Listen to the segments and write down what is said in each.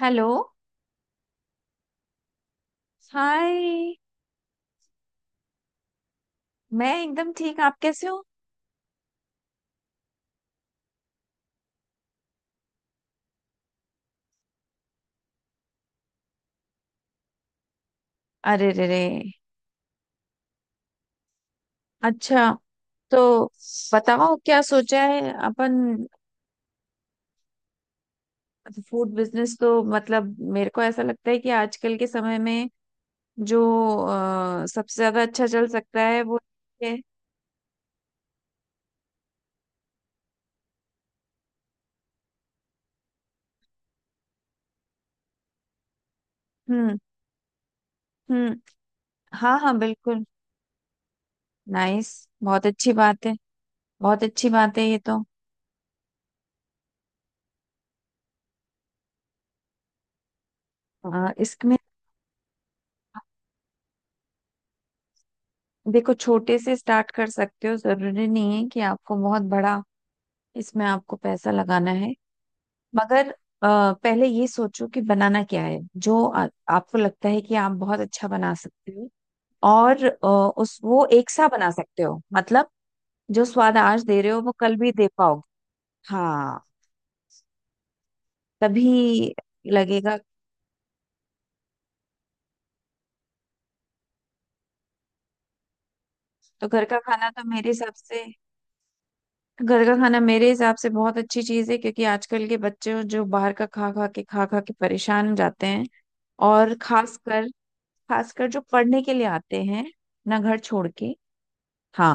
Hello. Hi. मैं एकदम ठीक। आप कैसे हो? अरे रे रे। अच्छा। तो बताओ क्या सोचा है अपन। फूड बिजनेस तो मतलब मेरे को ऐसा लगता है कि आजकल के समय में जो सबसे ज्यादा अच्छा चल सकता है वो है। हम्म। हम्म। हाँ, हाँ, बिल्कुल। नाइस। बहुत अच्छी बात है। बहुत अच्छी बात है ये तो। इसमें देखो, छोटे से स्टार्ट कर सकते हो, जरूरी नहीं है कि आपको बहुत बड़ा इसमें आपको पैसा लगाना है। मगर पहले ये सोचो कि बनाना क्या है, जो आपको लगता है कि आप बहुत अच्छा बना सकते हो। और उस वो एक सा बना सकते हो मतलब, जो स्वाद आज दे रहे हो वो कल भी दे पाओगे। हाँ, तभी लगेगा। तो घर का खाना तो मेरे हिसाब से, घर का खाना मेरे हिसाब से बहुत अच्छी चीज है, क्योंकि आजकल के बच्चे जो बाहर का खा खा के परेशान हो जाते हैं। और खासकर, खासकर जो पढ़ने के लिए आते हैं अपना घर छोड़ के। हाँ।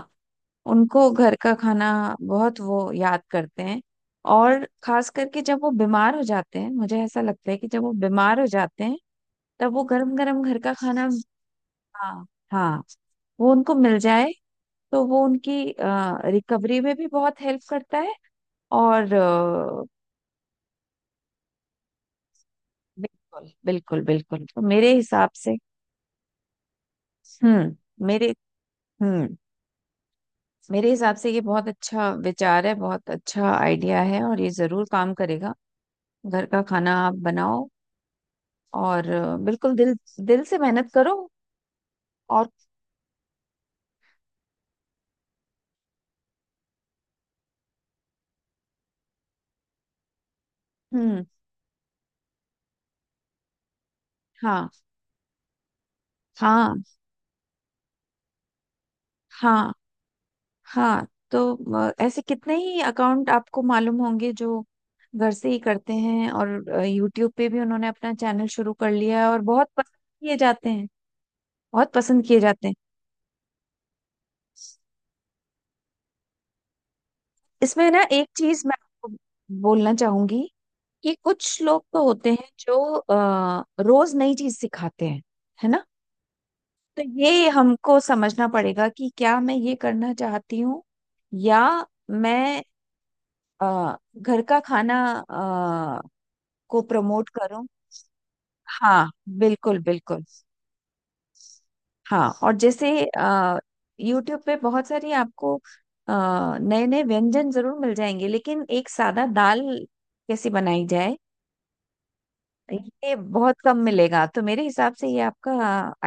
उनको घर का खाना बहुत वो याद करते हैं। और खास करके जब वो बीमार हो जाते हैं, मुझे ऐसा लगता है कि जब वो बीमार हो जाते हैं तब वो गरम गरम घर का खाना। हाँ, हाँ। वो उनको मिल जाए तो वो उनकी रिकवरी में भी बहुत हेल्प करता है। और बिल्कुल, बिल्कुल, बिल्कुल। तो हम्म मेरे हम्म मेरे हिसाब से ये बहुत अच्छा विचार है, बहुत अच्छा आइडिया है, और ये जरूर काम करेगा। घर का खाना आप बनाओ, और बिल्कुल दिल दिल से मेहनत करो। और। हम्म। हाँ, हाँ, हाँ। हाँ, तो ऐसे कितने ही अकाउंट आपको मालूम होंगे जो घर से ही करते हैं, और यूट्यूब पे भी उन्होंने अपना चैनल शुरू कर लिया है, और बहुत पसंद किए जाते हैं। बहुत पसंद किए जाते हैं। इसमें ना एक चीज मैं आपको बोलना चाहूंगी, कि कुछ लोग तो होते हैं जो रोज नई चीज सिखाते हैं, है ना। तो ये हमको समझना पड़ेगा कि क्या मैं ये करना चाहती हूँ, या मैं घर का खाना अ, को प्रमोट करूँ। हाँ, बिल्कुल, बिल्कुल। हाँ, और जैसे YouTube पे बहुत सारी आपको नए नए व्यंजन जरूर मिल जाएंगे, लेकिन एक सादा दाल कैसे बनाई जाए, ये बहुत कम मिलेगा। तो मेरे हिसाब से ये आपका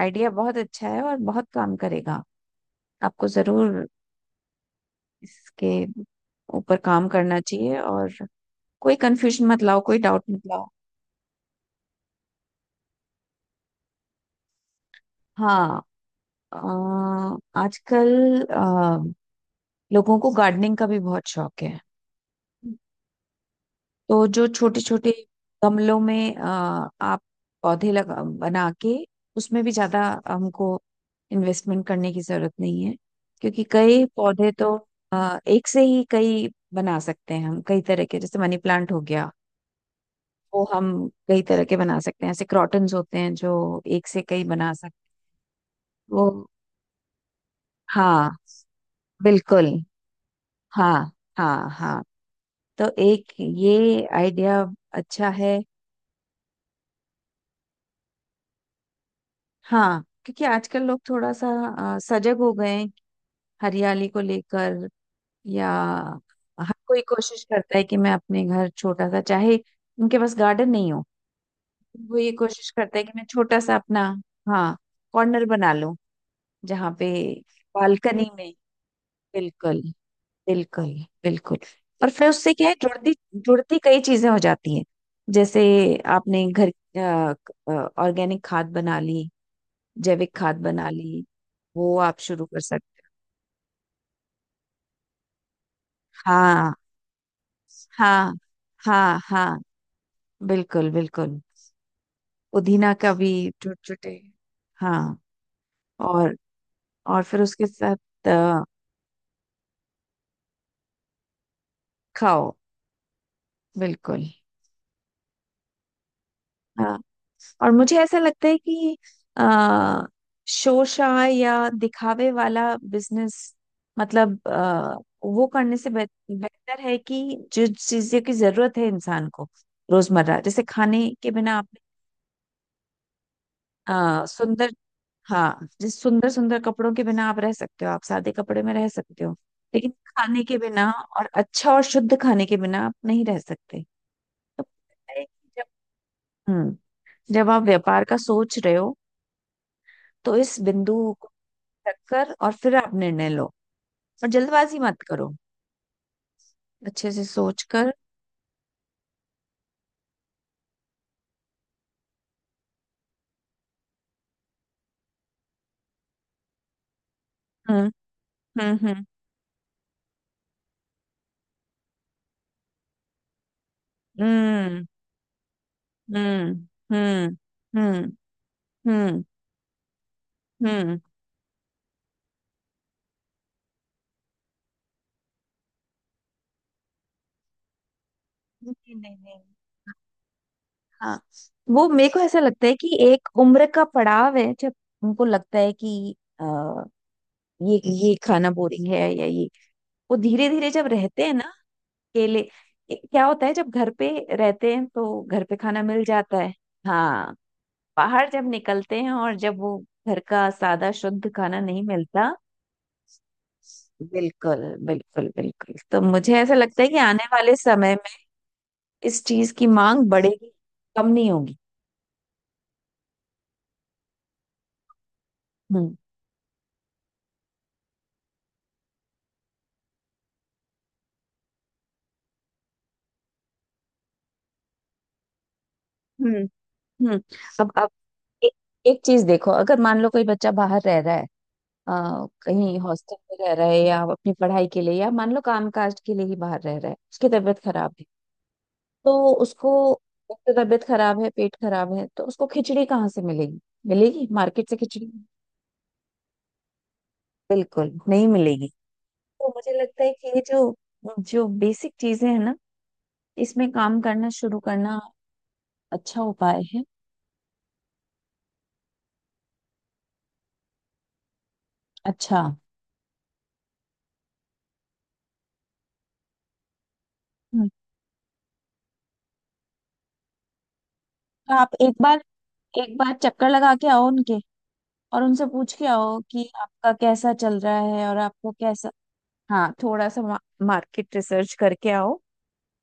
आइडिया बहुत अच्छा है और बहुत काम करेगा। आपको जरूर इसके ऊपर काम करना चाहिए, और कोई कंफ्यूजन मत लाओ, कोई डाउट मत लाओ। हाँ। अ, आजकल अ, लोगों को गार्डनिंग का भी बहुत शौक है। तो जो छोटे छोटे गमलों में आप पौधे लगा बना के, उसमें भी ज्यादा हमको इन्वेस्टमेंट करने की जरूरत नहीं है, क्योंकि कई पौधे तो एक से ही कई बना सकते हैं हम, कई तरह के, जैसे मनी प्लांट हो गया। वो हम कई तरह के बना सकते हैं। ऐसे क्रॉटन्स होते हैं जो एक से कई बना सकते हैं वो। हाँ, बिल्कुल। हाँ, हाँ, हाँ। तो एक ये आइडिया अच्छा है। हाँ, क्योंकि आजकल लोग थोड़ा सा सजग हो गए हैं, हरियाली को लेकर। या हर कोई कोशिश करता है कि मैं अपने घर छोटा सा, चाहे उनके पास गार्डन नहीं हो, वो ये कोशिश करता है कि मैं छोटा सा अपना, हाँ, कॉर्नर बना लूं, जहाँ पे बालकनी में। बिल्कुल, बिल्कुल, बिल्कुल। और फिर उससे क्या है जुड़ती, जुड़ती कई चीजें हो जाती हैं। जैसे आपने घर ऑर्गेनिक खाद बना ली, जैविक खाद बना ली, वो आप शुरू कर सकते हो। हाँ, हाँ, हाँ। हाँ, बिल्कुल, बिल्कुल। पुदीना का भी चुटचुटे। हाँ। और और फिर उसके साथ अ, खाओ, बिल्कुल। हाँ, और मुझे ऐसा लगता है कि आ, शोशा या दिखावे वाला बिजनेस, मतलब वो करने से बेहतर है कि जो चीजों की जरूरत है इंसान को, रोजमर्रा, जैसे खाने के बिना आप, सुंदर, हाँ, जिस सुंदर सुंदर कपड़ों के बिना आप रह सकते हो, आप सादे कपड़े में रह सकते हो, लेकिन खाने के बिना, और अच्छा और शुद्ध खाने के बिना आप नहीं रह सकते। तो मुझे लगता है कि जब, हम्म जब आप व्यापार का सोच रहे हो, तो इस बिंदु को रखकर, और फिर आप निर्णय लो, और जल्दबाजी मत करो, अच्छे से सोच कर। हम्म। हम्म। हम्म। हम्म। हम्म। हम्म। हम्म। हम्म। नहीं, नहीं, नहीं। हाँ, वो मेरे को ऐसा लगता है कि एक उम्र का पड़ाव है, जब उनको लगता है कि आ, ये ये खाना बोरिंग है, या ये, वो धीरे धीरे जब रहते हैं ना, अकेले। क्या होता है जब घर पे रहते हैं तो घर पे खाना मिल जाता है। हाँ। बाहर जब निकलते हैं, और जब वो घर का सादा शुद्ध खाना नहीं मिलता। बिल्कुल, बिल्कुल, बिल्कुल। तो मुझे ऐसा लगता है कि आने वाले समय में इस चीज की मांग बढ़ेगी, कम नहीं होगी। हम्म। हम्म। हम्म। अब एक, एक चीज देखो। अगर मान लो कोई बच्चा बाहर रह रहा है, कहीं हॉस्टल में रह रहा है, या अपनी पढ़ाई के लिए, या मान लो काम काज के लिए ही बाहर रह रहा है, उसकी तबीयत खराब है। तो उसको, एक तो तबीयत खराब है, पेट खराब है, तो उसको खिचड़ी कहाँ से मिलेगी? मिलेगी मार्केट से खिचड़ी? बिल्कुल नहीं मिलेगी। तो मुझे लगता है कि ये जो जो बेसिक चीजें हैं ना, इसमें काम करना शुरू करना अच्छा उपाय है। अच्छा। हम्म। तो आप एक बार, एक बार चक्कर लगा के आओ उनके, और उनसे पूछ के आओ कि आपका कैसा चल रहा है, और आपको कैसा। हाँ, थोड़ा सा मार्केट रिसर्च करके आओ,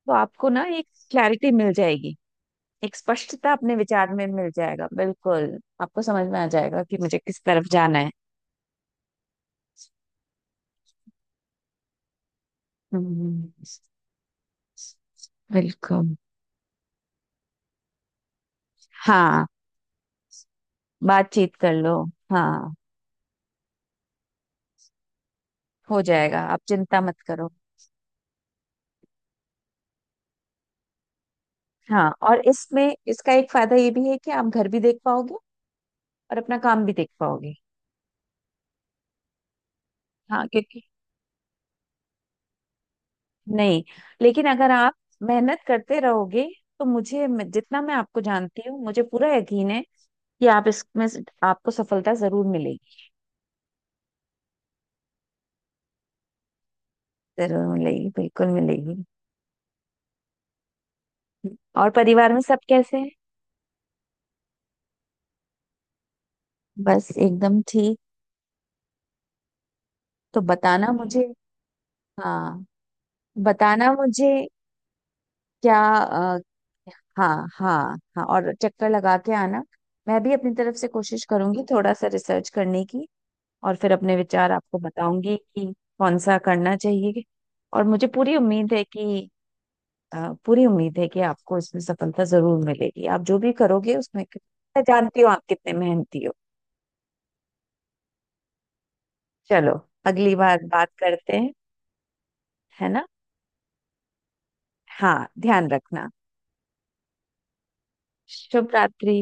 तो आपको ना एक क्लैरिटी मिल जाएगी, एक स्पष्टता अपने विचार में मिल जाएगा, बिल्कुल आपको समझ में आ जाएगा कि मुझे किस तरफ जाना है। हम्म। बिल्कुल। हाँ, बातचीत कर लो। हाँ। हो जाएगा, आप चिंता मत करो। हाँ, और इसमें इसका एक फायदा ये भी है कि आप घर भी देख पाओगे, और अपना काम भी देख पाओगे। हाँ, क्योंकि, नहीं, लेकिन अगर आप मेहनत करते रहोगे, तो जितना मैं आपको जानती हूँ, मुझे पूरा यकीन है कि आप इसमें आपको सफलता जरूर मिलेगी। जरूर मिलेगी, बिल्कुल मिलेगी। और परिवार में सब कैसे हैं? बस एकदम ठीक। तो बताना मुझे। हाँ, बताना मुझे क्या, हाँ, हाँ, हाँ। और चक्कर लगा के आना। मैं भी अपनी तरफ से कोशिश करूंगी थोड़ा सा रिसर्च करने की, और फिर अपने विचार आपको बताऊंगी कि कौन सा करना चाहिए। और मुझे पूरी उम्मीद है कि, पूरी उम्मीद है कि आपको इसमें सफलता जरूर मिलेगी, आप जो भी करोगे उसमें। मैं जानती हूँ आप कितने मेहनती हो। चलो, अगली बार बात करते हैं, है ना। हाँ, ध्यान रखना। शुभ रात्रि।